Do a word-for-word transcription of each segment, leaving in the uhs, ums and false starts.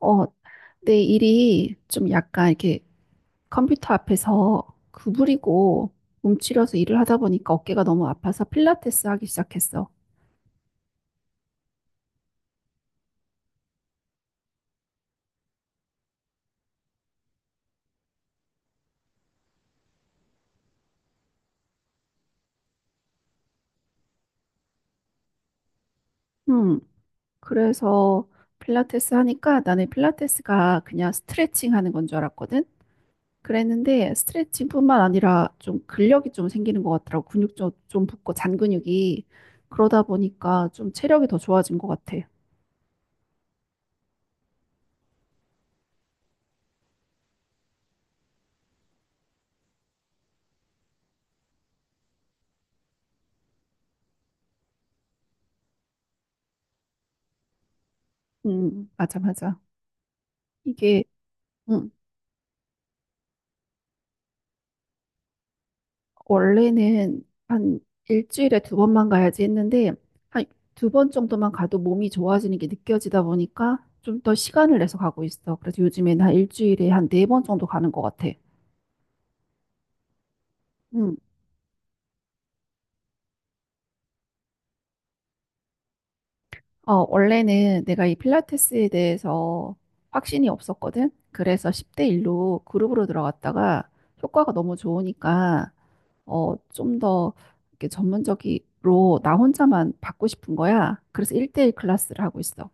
어, 내 일이 좀 약간 이렇게 컴퓨터 앞에서 구부리고 움츠려서 일을 하다 보니까 어깨가 너무 아파서 필라테스 하기 시작했어. 음, 그래서 필라테스 하니까 나는 필라테스가 그냥 스트레칭 하는 건 줄 알았거든. 그랬는데 스트레칭뿐만 아니라 좀 근력이 좀 생기는 것 같더라고. 근육 좀, 좀 붓고 잔 근육이. 그러다 보니까 좀 체력이 더 좋아진 것 같아. 음, 맞아, 맞아. 이게, 음. 원래는 한 일주일에 두 번만 가야지 했는데 한 두 번 정도만 가도 몸이 좋아지는 게 느껴지다 보니까 좀 더 시간을 내서 가고 있어. 그래서 요즘에는 한 일주일에 한 네 번 정도 가는 것 같아. 음. 어, 원래는 내가 이 필라테스에 대해서 확신이 없었거든. 그래서 십 대 일로 그룹으로 들어갔다가 효과가 너무 좋으니까 어, 좀 더 이렇게 전문적으로 나 혼자만 받고 싶은 거야. 그래서 일 대일 클래스를 하고 있어.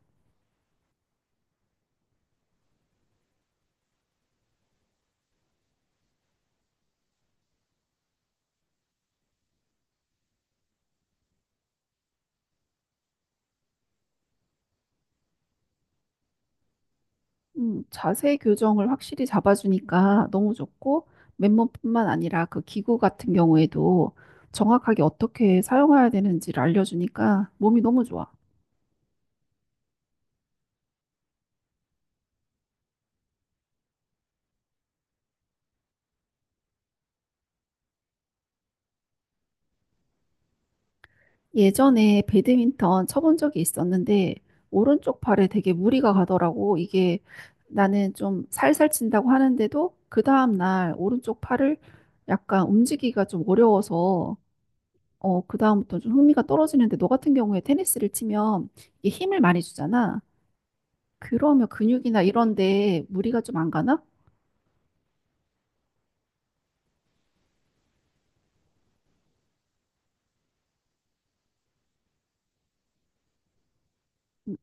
음, 자세 교정을 확실히 잡아주니까 너무 좋고, 맨몸뿐만 아니라 그 기구 같은 경우에도 정확하게 어떻게 사용해야 되는지를 알려주니까 몸이 너무 좋아. 예전에 배드민턴 쳐본 적이 있었는데, 오른쪽 팔에 되게 무리가 가더라고. 이게 나는 좀 살살 친다고 하는데도, 그 다음날 오른쪽 팔을 약간 움직이기가 좀 어려워서, 어, 그 다음부터 좀 흥미가 떨어지는데, 너 같은 경우에 테니스를 치면 이게 힘을 많이 주잖아. 그러면 근육이나 이런데 무리가 좀 안 가나? 음,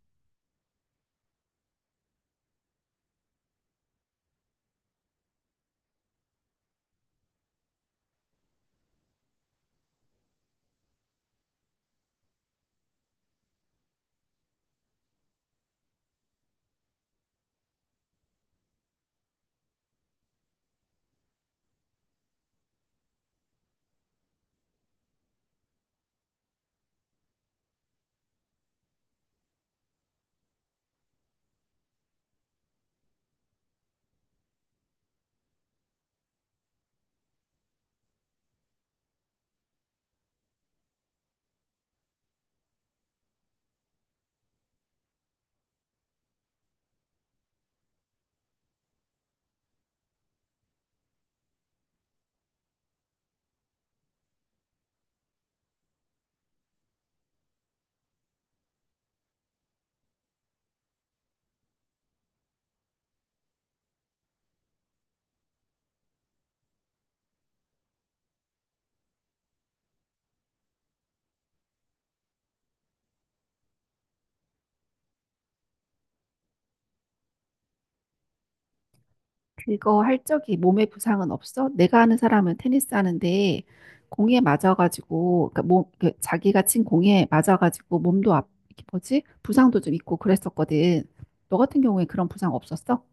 그거 할 적이 몸에 부상은 없어? 내가 아는 사람은 테니스 하는데 공에 맞아가지고 그러니까 몸, 그 자기가 친 공에 맞아가지고 몸도 앞, 이게 뭐지? 부상도 좀 있고 그랬었거든. 너 같은 경우에 그런 부상 없었어?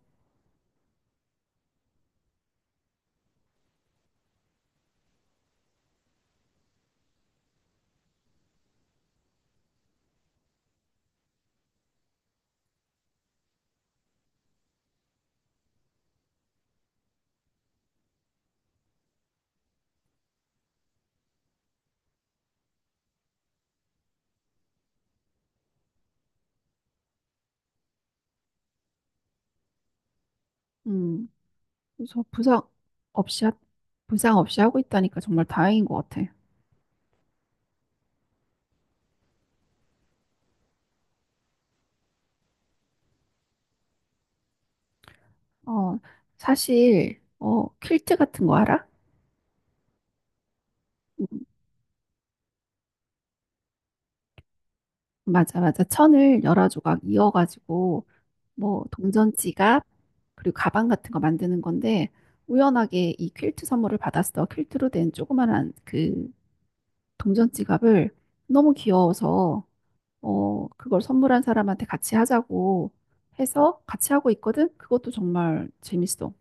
음, 그래서 부상 없이 하, 부상 없이 하고 있다니까 정말 다행인 것 같아. 어, 사실 어 퀼트 같은 거 알아? 음, 맞아, 맞아. 천을 여러 조각 이어가지고 뭐 동전 지갑 그리고 가방 같은 거 만드는 건데 우연하게 이 퀼트 선물을 받았어. 퀼트로 된 조그만한 그 동전 지갑을 너무 귀여워서 어 그걸 선물한 사람한테 같이 하자고 해서 같이 하고 있거든. 그것도 정말 재밌어.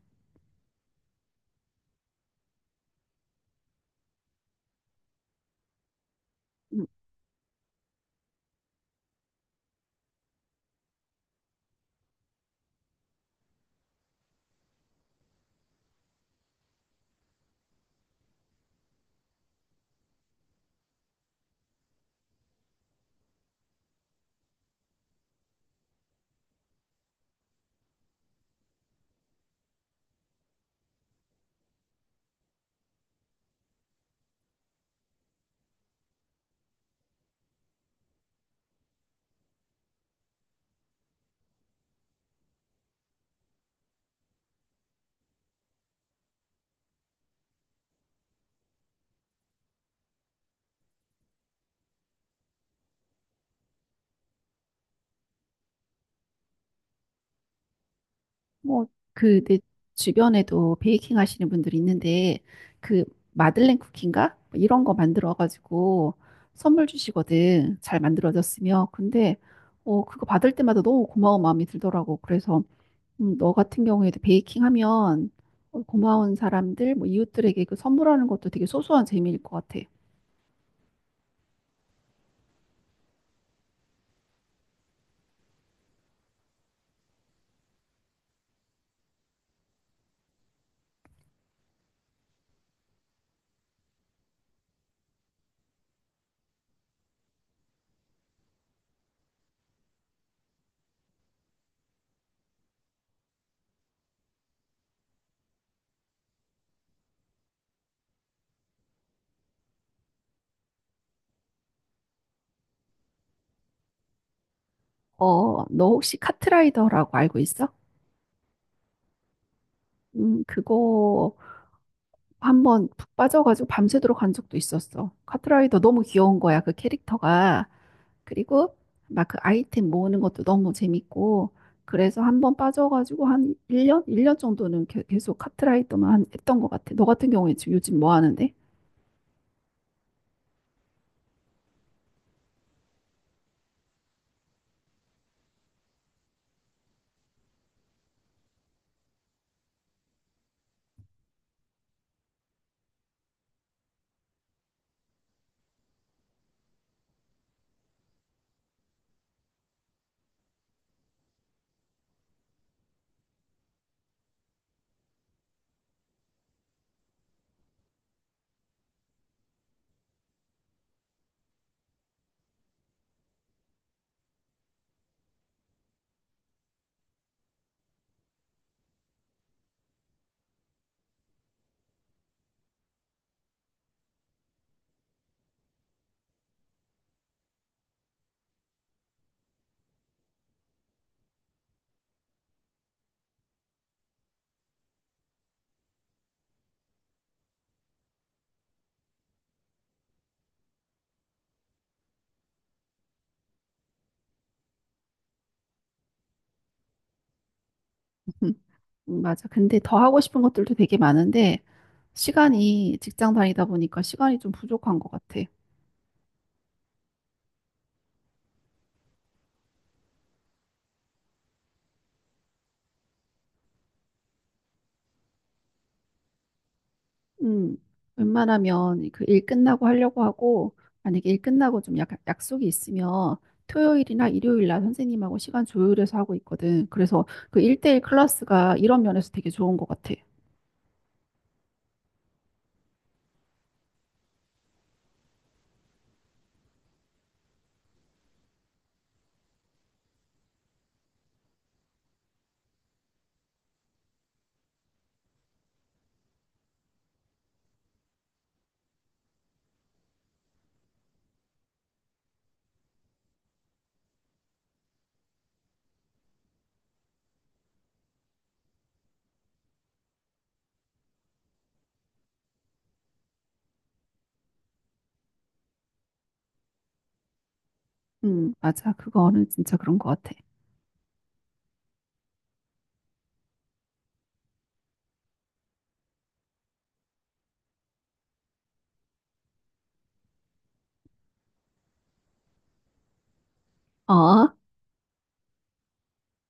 뭐, 그, 내 주변에도 베이킹 하시는 분들이 있는데, 그, 마들렌 쿠키인가? 뭐 이런 거 만들어가지고 선물 주시거든. 잘 만들어졌으면. 근데, 어, 그거 받을 때마다 너무 고마운 마음이 들더라고. 그래서, 음, 너 같은 경우에도 베이킹 하면 어, 고마운 사람들, 뭐, 이웃들에게 그 선물하는 것도 되게 소소한 재미일 것 같아. 어, 너 혹시 카트라이더라고 알고 있어? 음, 그거 한번 푹 빠져가지고 밤새도록 간 적도 있었어. 카트라이더 너무 귀여운 거야, 그 캐릭터가. 그리고 막 그 아이템 모으는 것도 너무 재밌고. 그래서 한 번 빠져가지고 한 일 년, 일 년 정도는 게- 계속 카트라이더만 한- 했던 것 같아. 너 같은 경우에 지금 요즘 뭐 하는데? 음, 맞아. 근데 더 하고 싶은 것들도 되게 많은데, 시간이 직장 다니다 보니까 시간이 좀 부족한 것 같아. 음, 웬만하면 그 일 끝나고 하려고 하고, 만약에 일 끝나고 좀 약, 약속이 있으면 토요일이나 일요일 날 선생님하고 시간 조율해서 하고 있거든. 그래서 그 일 대일 클래스가 이런 면에서 되게 좋은 것 같아. 음, 맞아. 그거는 진짜 그런 것 같아. 어?